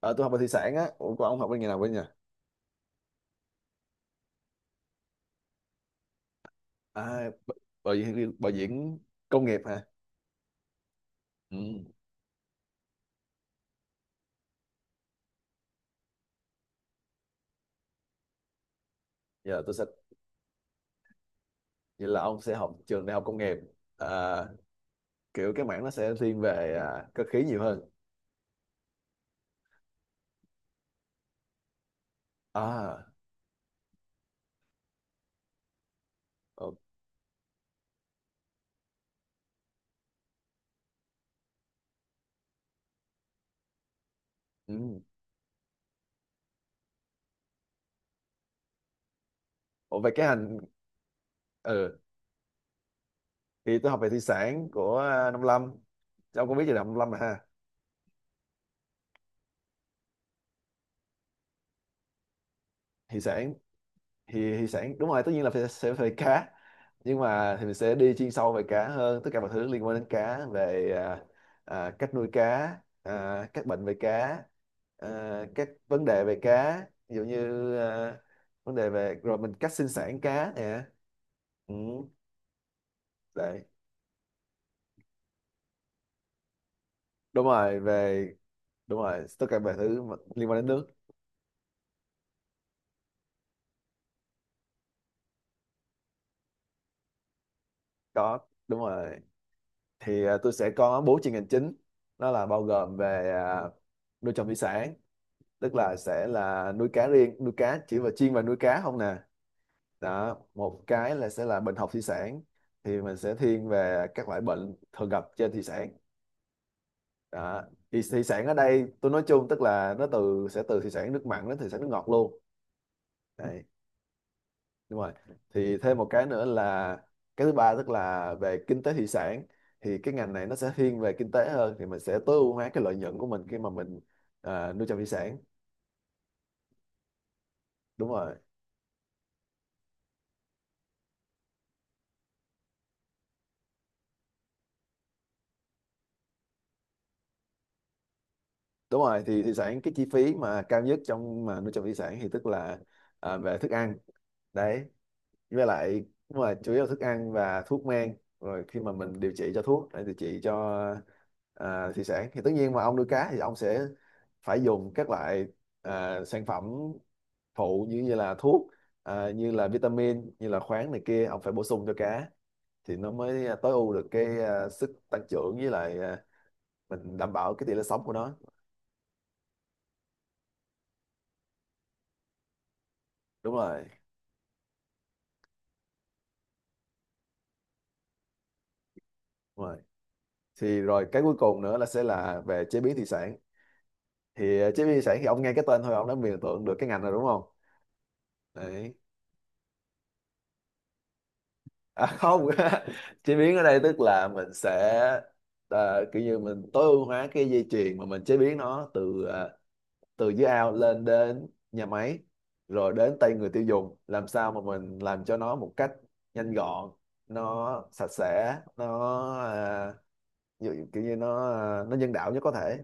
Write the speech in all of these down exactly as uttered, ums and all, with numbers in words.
Ờ, tôi học về thủy sản á. Ủa, còn ông học bên nghề nào bên nhỉ? À, b- bảo diễn, bảo diễn công nghiệp hả? Ừ. Giờ tôi sẽ Vậy là ông sẽ học trường đại học công nghiệp. À, kiểu cái mảng nó sẽ thiên về à, cơ khí nhiều hơn. À, ồ, ừ. Ủa, về cái hành. Ừ. Thì tôi học về thủy sản của à, Nông Lâm. Ông có biết gì là Nông Lâm mà ha? Thị sản thì thì sản đúng rồi, tất nhiên là phải, sẽ phải cá, nhưng mà thì mình sẽ đi chuyên sâu về cá hơn, tất cả mọi thứ liên quan đến cá về à, à, cách nuôi cá, à, các bệnh về cá, à, các vấn đề về cá, ví dụ như à, vấn đề về rồi mình cách sinh sản cá nè. ừ, Đấy. Đúng rồi, về. Đúng rồi, tất cả mọi thứ mà liên quan đến nước. Có, đúng rồi. Thì à, tôi sẽ có bốn chuyên ngành chính. Đó là bao gồm về à, nuôi trồng thủy sản, tức là sẽ là nuôi cá riêng, nuôi cá chỉ và chiên và nuôi cá không nè. Đó, một cái là sẽ là bệnh học thủy sản, thì mình sẽ thiên về các loại bệnh thường gặp trên thủy sản. Đó, thì thủy sản ở đây tôi nói chung tức là nó từ sẽ từ thủy sản nước mặn đến thủy sản nước ngọt luôn. Đấy. Đúng rồi. Thì thêm một cái nữa là cái thứ ba, tức là về kinh tế thủy sản. Thì cái ngành này nó sẽ thiên về kinh tế hơn, thì mình sẽ tối ưu hóa cái lợi nhuận của mình khi mà mình à, nuôi trồng thủy sản. Đúng rồi. Đúng rồi, thì thủy sản cái chi phí mà cao nhất trong mà nuôi trồng thủy sản thì tức là à, về thức ăn. Đấy. Với lại nhưng mà chủ yếu là thức ăn và thuốc men, rồi khi mà mình điều trị cho thuốc để điều trị cho à, thủy sản, thì tất nhiên mà ông nuôi cá thì ông sẽ phải dùng các loại à, sản phẩm phụ, như như là thuốc, à, như là vitamin, như là khoáng này kia, ông phải bổ sung cho cá, thì nó mới tối ưu được cái à, sức tăng trưởng, với lại à, mình đảm bảo cái tỷ lệ sống của nó. Đúng rồi. Đúng rồi, thì rồi cái cuối cùng nữa là sẽ là về chế biến thủy sản. Thì ờ, chế biến thủy sản, thì ông nghe cái tên thôi ông đã mường tượng được cái ngành rồi đúng không? Đấy. À, không. Chế biến ở đây tức là mình sẽ ờ, kiểu như mình tối ưu hóa cái dây chuyền mà mình chế biến nó, từ ờ, từ dưới ao lên đến nhà máy, rồi đến tay người tiêu dùng, làm sao mà mình làm cho nó một cách nhanh gọn, nó sạch sẽ, nó ờ, kiểu kiểu như nó ờ, nó nhân đạo nhất có thể.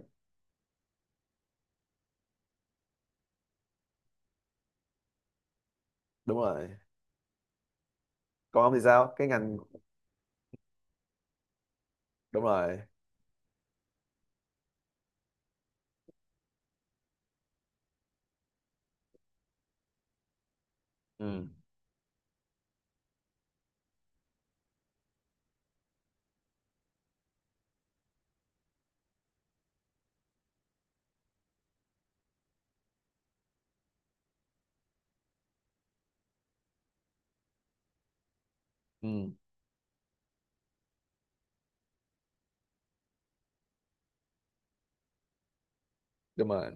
Đúng rồi. Còn ông thì sao cái ngành? Đúng rồi. Ừ. Ừ, đúng rồi.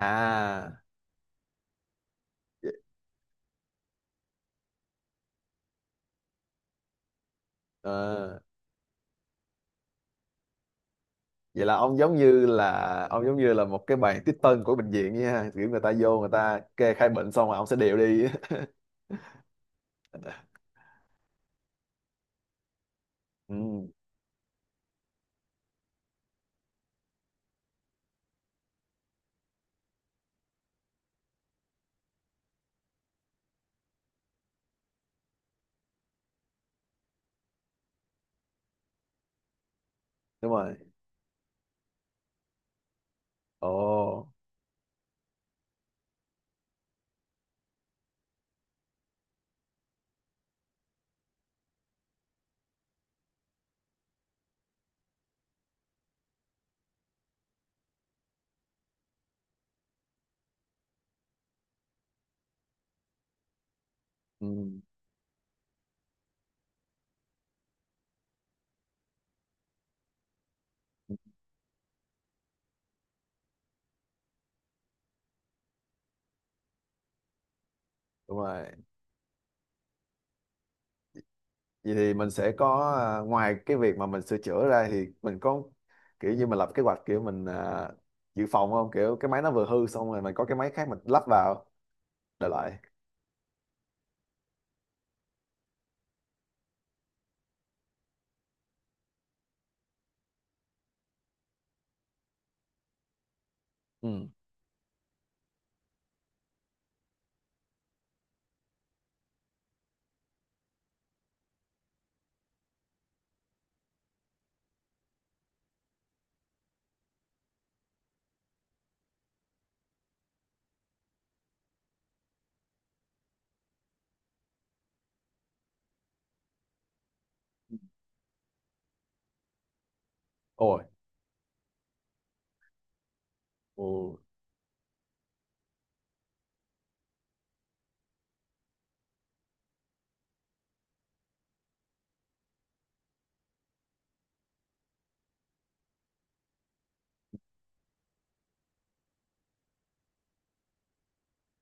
À, vậy, ờ, vậy là ông giống như là, ông giống như là một cái bàn tiếp tân của bệnh viện nha, kiểu người ta vô người ta kê khai bệnh xong rồi ông sẽ điều đi. Ừ, đúng rồi. Ồ. Ừ, đúng rồi. Vậy thì mình sẽ có à, ngoài cái việc mà mình sửa chữa ra thì mình có kiểu như mình lập kế hoạch, kiểu mình à, dự phòng không, kiểu cái máy nó vừa hư xong rồi mình có cái máy khác mình lắp vào để lại. Ừ. Ôi. Ồ.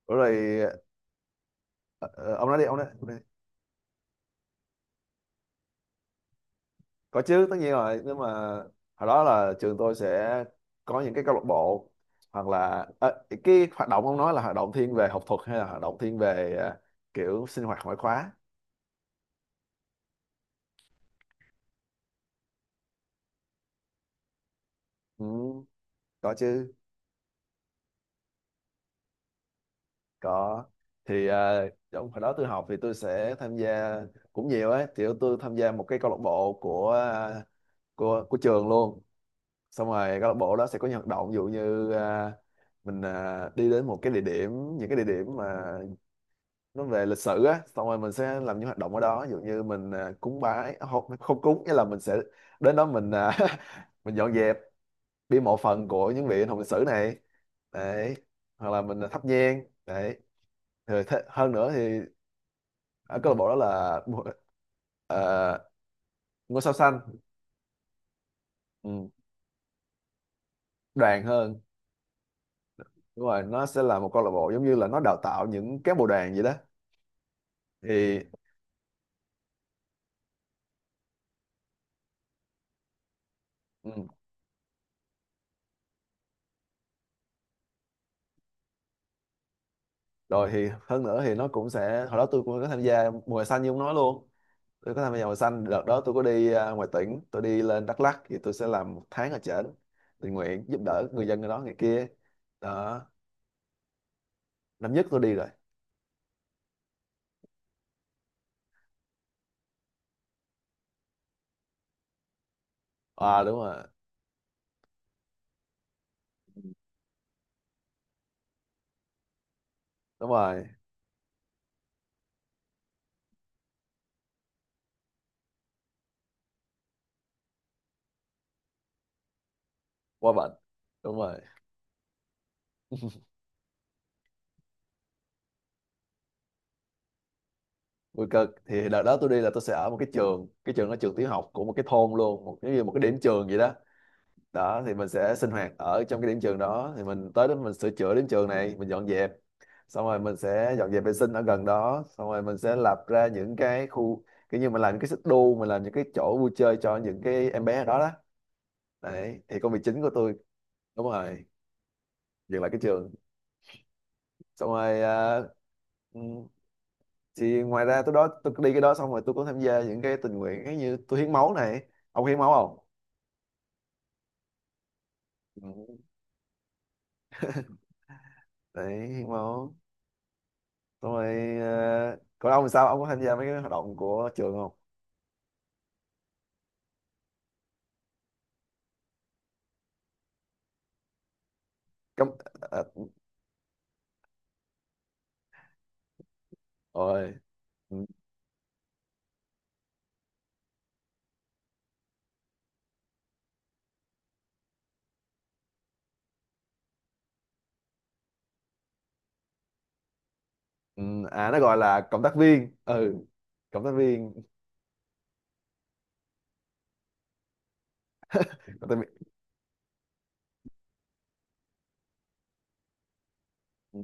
Ủa rồi. Ờ, ờ, ông nói đi, ông nói, ông nói đi. Có chứ, tất nhiên rồi, nhưng mà hồi đó là trường tôi sẽ có những cái câu lạc bộ. Hoặc là ờ, cái hoạt động ông nói là hoạt động thiên về học thuật hay là hoạt động thiên về ờ, kiểu sinh hoạt ngoại khóa? Ừ, có chứ. Có. Thì ờ, trong hồi đó tôi học thì tôi sẽ tham gia cũng nhiều ấy. Thì tôi tham gia một cái câu lạc bộ của ờ, của của trường luôn. Xong rồi câu lạc bộ đó sẽ có những hoạt động, ví dụ như ờ, mình à, đi đến một cái địa điểm, những cái địa điểm mà nó về lịch sử á, xong rồi mình sẽ làm những hoạt động ở đó, ví dụ như mình à, cúng bái, à không, không cúng, nghĩa là mình sẽ đến đó mình à, mình dọn dẹp bia mộ phần của những vị anh hùng lịch sử này. Đấy. Hoặc là mình à, thắp nhang. Đấy. Rồi thế, hơn nữa thì ở câu lạc bộ đó là bu- ờ, ngôi sao xanh. Ừ, đoàn hơn. Đúng rồi, nó sẽ là một câu lạc bộ giống như là nó đào tạo những cán bộ đoàn vậy đó. Thì ừ, rồi thì hơn nữa thì nó cũng sẽ, hồi đó tôi cũng có tham gia mùa hè xanh như ông nói luôn. Tôi có tham gia màu xanh, đợt đó tôi có đi à, ngoài tỉnh, tôi đi lên Đắk Lắk, thì tôi sẽ làm một tháng ở trển, tình nguyện giúp đỡ người dân ở đó, người kia. Đó. Năm nhất tôi đi rồi. À đúng rồi. Đúng rồi. Qua bệnh. Đúng rồi. Vui cực, thì đợt đó tôi đi là tôi sẽ ở một cái trường, cái trường đó trường tiểu học của một cái thôn luôn, một cái một cái điểm trường vậy đó. Đó thì mình sẽ sinh hoạt ở trong cái điểm trường đó, thì mình tới đó mình sửa chữa điểm trường này, mình dọn dẹp, xong rồi mình sẽ dọn dẹp vệ sinh ở gần đó, xong rồi mình sẽ lập ra những cái khu, kiểu như mình làm những cái xích đu, mình làm những cái chỗ vui chơi cho những cái em bé ở đó đó. Đấy thì công việc chính của tôi. Đúng rồi, dừng lại cái trường. Xong rồi à, ừ, thì ngoài ra tôi đó tôi đi cái đó xong rồi tôi cũng tham gia những cái tình nguyện cái như tôi hiến máu này. Ông hiến máu không? Ừ. Đấy, hiến máu. Xong rồi à, còn ông thì sao, ông có tham gia mấy cái hoạt động của trường không? Cấm, à, rồi. Ừ. Ừ. À, nó gọi là cộng tác viên. Ừ, cộng tác viên. Cộng tác viên. Ừ,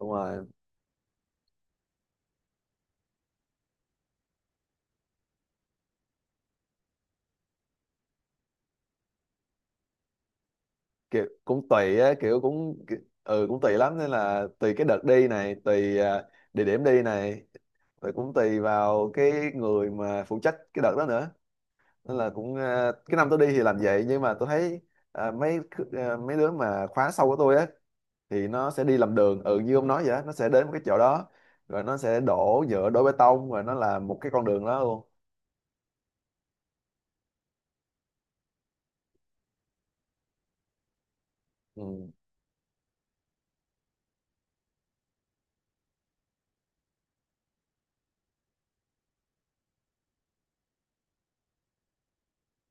đúng rồi. Kiểu cũng tùy á, kiểu cũng ki- ừ, cũng tùy lắm, nên là tùy cái đợt đi này, tùy à, địa điểm đi này, rồi cũng tùy vào cái người mà phụ trách cái đợt đó nữa. Nên là cũng à, cái năm tôi đi thì làm vậy, nhưng mà tôi thấy à, mấy khứ- à, mấy đứa mà khóa sau của tôi á thì nó sẽ đi làm đường, ừ như ông nói vậy á, nó sẽ đến một cái chỗ đó rồi nó sẽ đổ nhựa đổ bê tông rồi nó làm một cái con đường đó luôn. Ừ.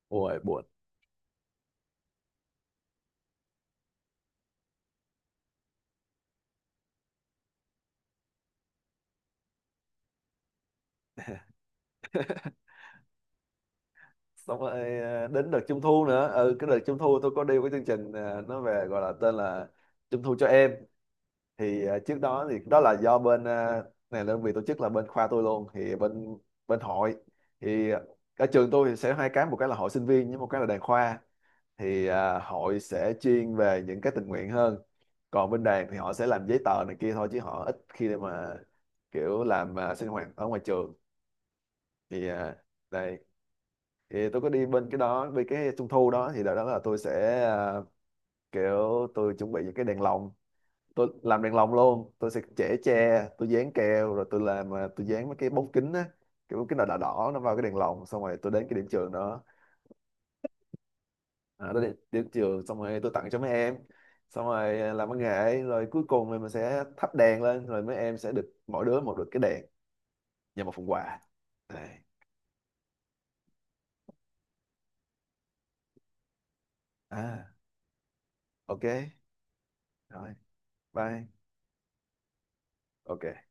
Ôi buồn. Xong rồi à, đến đợt trung thu nữa, ừ cái đợt trung thu tôi có đi cái chương trình, à, nó về gọi là tên là trung thu cho em. Thì à, trước đó thì đó là do bên à, này, đơn vị tổ chức là bên khoa tôi luôn, thì bên bên hội, thì ở trường tôi thì sẽ hai cái, một cái là hội sinh viên, với một cái là đoàn khoa. Thì à, hội sẽ chuyên về những cái tình nguyện hơn, còn bên đoàn thì họ sẽ làm giấy tờ này kia thôi, chứ họ ít khi để mà kiểu làm à, sinh hoạt ở ngoài trường. Thì à, đây. Thì tôi có đi bên cái đó, bên cái trung thu đó, thì đợt đó là tôi sẽ à, kiểu tôi chuẩn bị những cái đèn lồng, tôi làm đèn lồng luôn, tôi sẽ chẻ tre, tôi dán keo, rồi tôi làm à, tôi dán mấy cái bóng kính á, cái bóng kính đỏ đỏ đỏ nó vào cái đèn lồng, xong rồi tôi đến cái điểm trường đó. À, tôi đến điểm trường xong rồi tôi tặng cho mấy em, xong rồi à, làm văn nghệ, rồi cuối cùng thì mình sẽ thắp đèn lên, rồi mấy em sẽ được mỗi đứa một được cái đèn và một phần quà. Đây. À, ok rồi, bye. Ok.